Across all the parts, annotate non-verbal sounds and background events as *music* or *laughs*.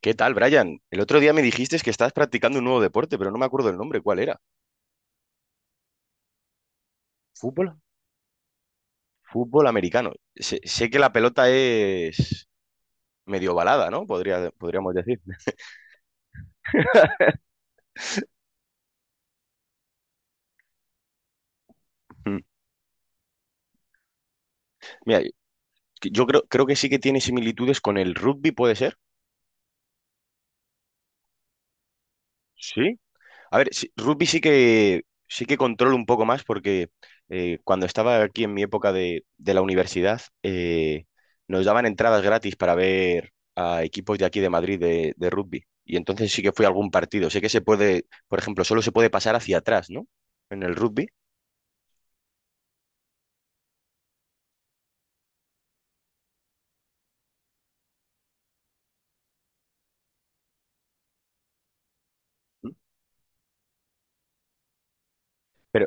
¿Qué tal, Brian? El otro día me dijiste que estabas practicando un nuevo deporte, pero no me acuerdo el nombre. ¿Cuál era? ¿Fútbol? Fútbol americano. Sé que la pelota es medio balada, ¿no? Podríamos decir. *laughs* Mira, yo creo que sí que tiene similitudes con el rugby, ¿puede ser? ¿Sí? A ver, rugby sí que controlo un poco más porque cuando estaba aquí en mi época de la universidad nos daban entradas gratis para ver a equipos de aquí de Madrid de rugby. Y entonces sí que fui a algún partido. Sé que se puede, por ejemplo, solo se puede pasar hacia atrás, ¿no? En el rugby. Pero,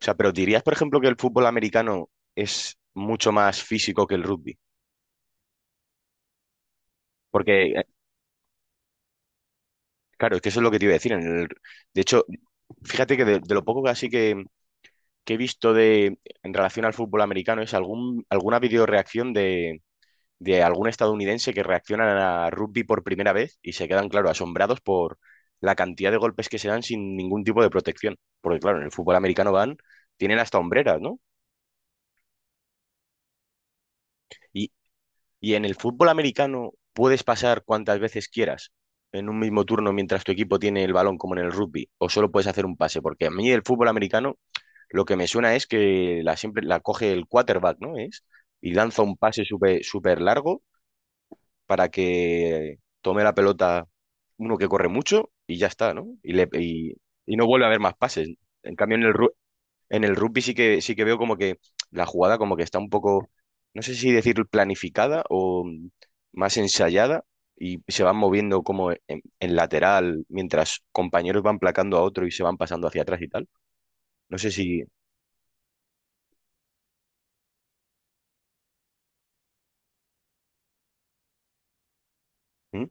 o sea, pero dirías, por ejemplo, que el fútbol americano es mucho más físico que el rugby. Porque, claro, es que eso es lo que te iba a decir. De hecho, fíjate que de lo poco que así que he visto en relación al fútbol americano es alguna videoreacción de algún estadounidense que reacciona a rugby por primera vez y se quedan, claro, asombrados por la cantidad de golpes que se dan sin ningún tipo de protección. Porque, claro, en el fútbol americano tienen hasta hombreras, ¿no? Y, y en el fútbol americano puedes pasar cuantas veces quieras en un mismo turno mientras tu equipo tiene el balón, como en el rugby, o solo puedes hacer un pase, porque a mí el fútbol americano lo que me suena es que la siempre la coge el quarterback, ¿no? Y lanza un pase súper súper largo para que tome la pelota uno que corre mucho y ya está, ¿no? Y no vuelve a haber más pases. En cambio, en el rugby sí que veo como que la jugada como que está un poco, no sé si decir planificada o más ensayada, y se van moviendo como en lateral mientras compañeros van placando a otro y se van pasando hacia atrás y tal. No sé si… ¿Mm?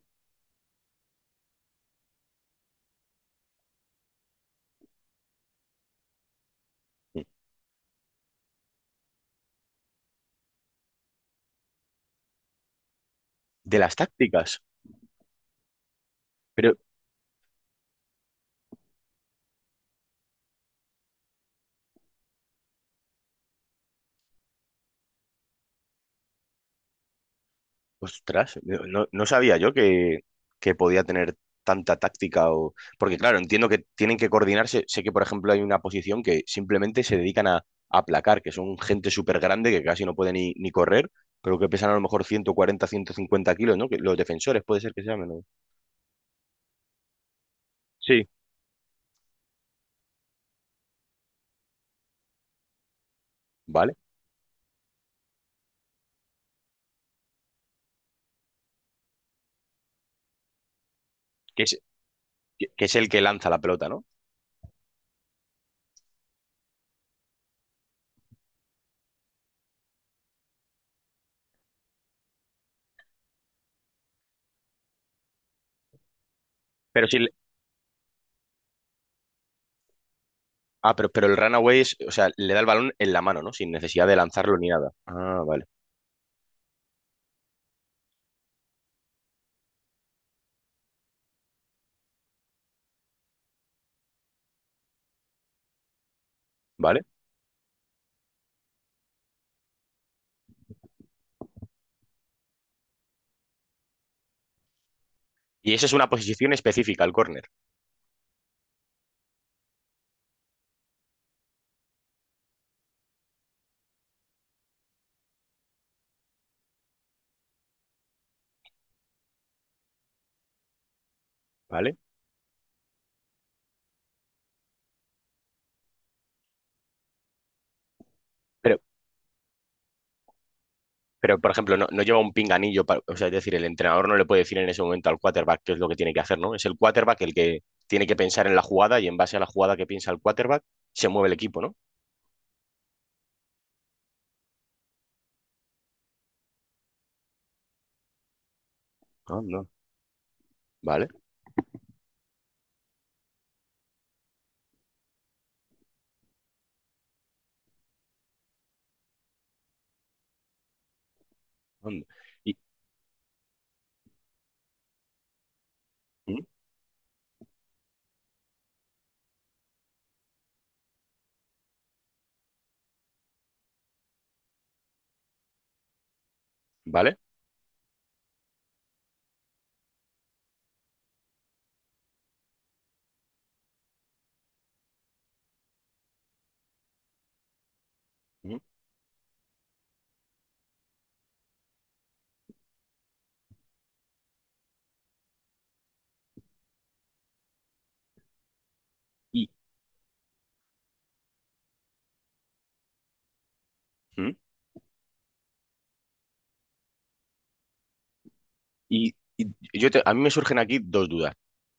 De las tácticas. Pero, ostras, no sabía yo que podía tener tanta táctica o… Porque claro, entiendo que tienen que coordinarse. Sé que, por ejemplo, hay una posición que simplemente se dedican a aplacar, que son gente súper grande que casi no puede ni correr, pero que pesan a lo mejor 140, 150 kilos, ¿no? Que los defensores puede ser que se llamen, ¿no? Sí. ¿Vale? Que es, que es el que lanza la pelota, ¿no? Pero si... el- Ah, pero el runaway es, o sea, le da el balón en la mano, ¿no? Sin necesidad de lanzarlo ni nada. Ah, vale. Vale, y eso es una posición específica, el córner, ¿vale? Pero, pero por ejemplo, no lleva un pinganillo, o sea, es decir, el entrenador no le puede decir en ese momento al quarterback qué es lo que tiene que hacer, ¿no? Es el quarterback el que tiene que pensar en la jugada, y en base a la jugada que piensa el quarterback se mueve el equipo, ¿no? Ah, no. Vale. Anda. Y, ¿Mm? ¿Vale? ¿Mm? ¿Y, ¿Mm? Y, y a mí me surgen aquí dos dudas.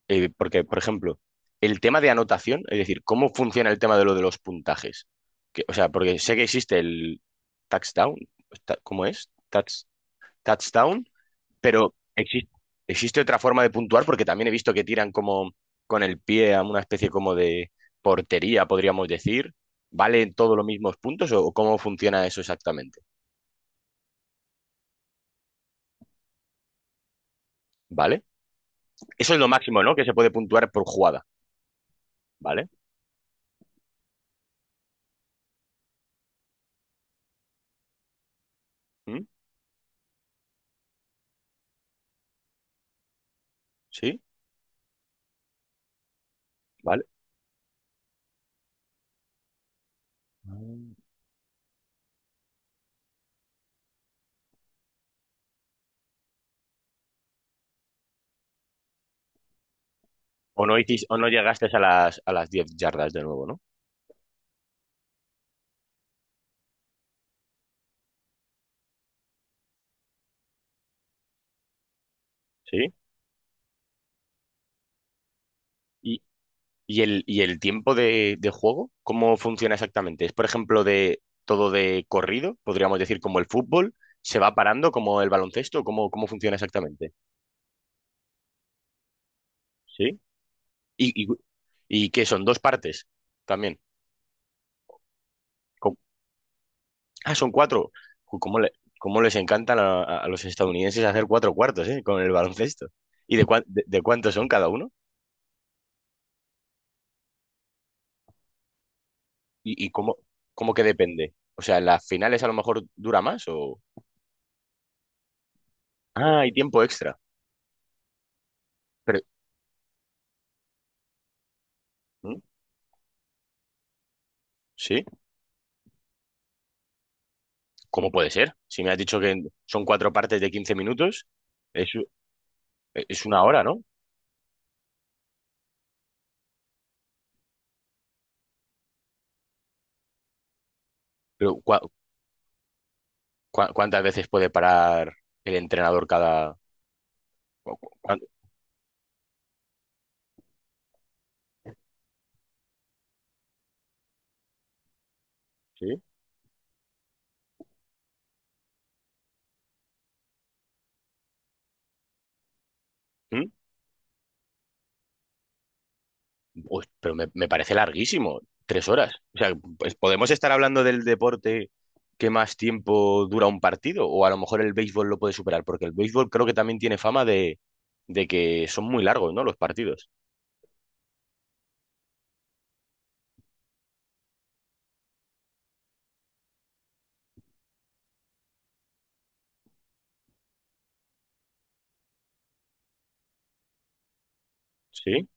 Porque, por ejemplo, el tema de anotación, es decir, ¿cómo funciona el tema de lo de los puntajes? O sea, porque sé que existe el touchdown, ¿cómo es? Touchdown, pero existe otra forma de puntuar porque también he visto que tiran como con el pie a una especie como de portería, podríamos decir. ¿Valen todos los mismos puntos o cómo funciona eso exactamente? ¿Vale? Eso es lo máximo, ¿no? Que se puede puntuar por jugada, ¿vale? ¿Mm? ¿Sí? ¿Vale? Mm. O no hiciste, o no llegaste a las 10 yardas de nuevo, ¿no? Sí. ¿Y, y el tiempo de juego? ¿Cómo funciona exactamente? ¿Es, por ejemplo, de todo de corrido? Podríamos decir como el fútbol, ¿se va parando como el baloncesto? ¿Cómo funciona exactamente? ¿Sí? ¿Y, y, y qué son? ¿Dos partes? También. Co- Ah, son cuatro. Ju, ¿Cómo le- cómo les encantan a los estadounidenses hacer cuatro cuartos, con el baloncesto. ¿Y de cuántos son cada uno? ¿Y cómo que depende? O sea, ¿las finales a lo mejor dura más o…? Ah, hay tiempo extra. Pero, ¿Mm? ¿Sí? ¿Cómo puede ser? Si me has dicho que son cuatro partes de 15 minutos, es, es una hora, ¿no? Pero ¿cua- ¿Cuántas veces puede parar el entrenador cada…? cu- cu- cuán- ¿Sí? ¿Mm? Uy, pero me parece larguísimo, 3 horas. O sea, pues, ¿podemos estar hablando del deporte que más tiempo dura un partido? O a lo mejor el béisbol lo puede superar, porque el béisbol creo que también tiene fama de que son muy largos, ¿no? Los partidos. Sí.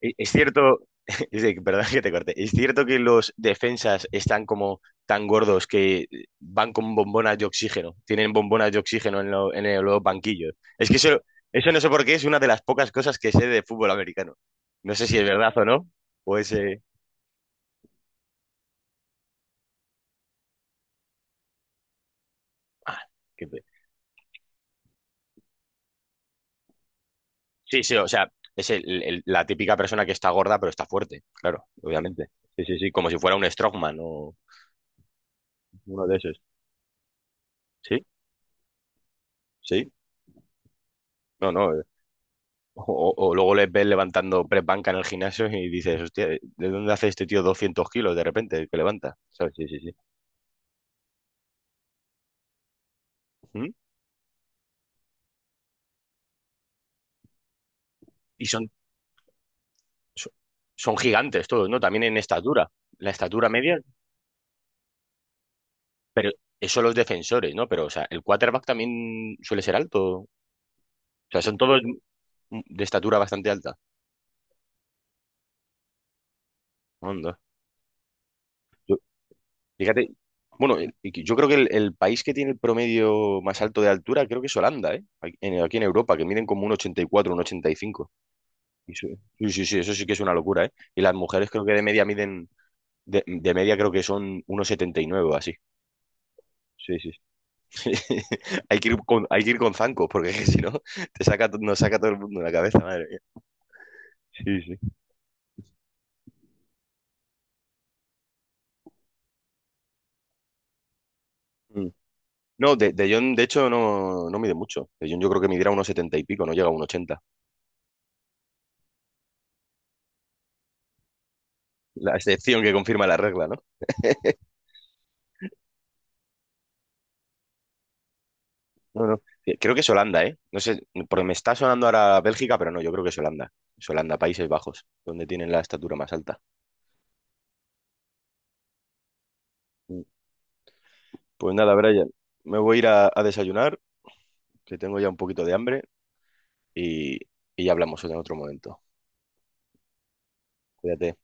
Es cierto, *laughs* perdón que te corte, es cierto que los defensas están como tan gordos que van con bombonas de oxígeno, tienen bombonas de oxígeno en, los banquillos. Es que eso no sé por qué, es una de las pocas cosas que sé de fútbol americano. No sé si es verdad o no, o es… ah, qué pe- sí, sí, o sea, es la típica persona que está gorda pero está fuerte, claro, obviamente. Sí, sí, sí, como si fuera un strongman o uno de esos. Sí, sí, no, no. O luego les ves levantando press banca en el gimnasio y dices, hostia, ¿de dónde hace este tío 200 kilos de repente que levanta? ¿Sabes? Sí, sí, sí. ¿Mm? Y son, son, Son gigantes todos, ¿no? También en estatura. La estatura media, pero eso los defensores, ¿no? Pero, o sea, el quarterback también suele ser alto. O sea, son todos de estatura bastante alta. Onda. Yo- Fíjate, bueno, y yo creo que el país que tiene el promedio más alto de altura creo que es Holanda, ¿eh? Aquí en Europa, que miden como un ochenta y cuatro, un ochenta y cinco. Y su- Sí, sí, sí, eso sí que es una locura, ¿eh? Y las mujeres creo que de media miden, de media creo que son 1,79 o así. Sí, sí. *laughs* Hay que ir con zancos, porque *laughs* si no, nos saca todo el mundo de la cabeza, madre mía. Sí, sí. Mm. No, de Jong, de hecho, no mide mucho. De Jong yo creo que midiera unos 70 y pico, no llega a unos ochenta. La excepción que confirma la regla, ¿no? *laughs* No, no. Creo que es Holanda, ¿eh? No sé, porque me está sonando ahora Bélgica, pero no, yo creo que es Holanda. Es Holanda, Países Bajos, donde tienen la estatura más alta. Pues nada, Brian, me voy a ir a desayunar, que tengo ya un poquito de hambre, y, y ya hablamos en otro momento. Cuídate.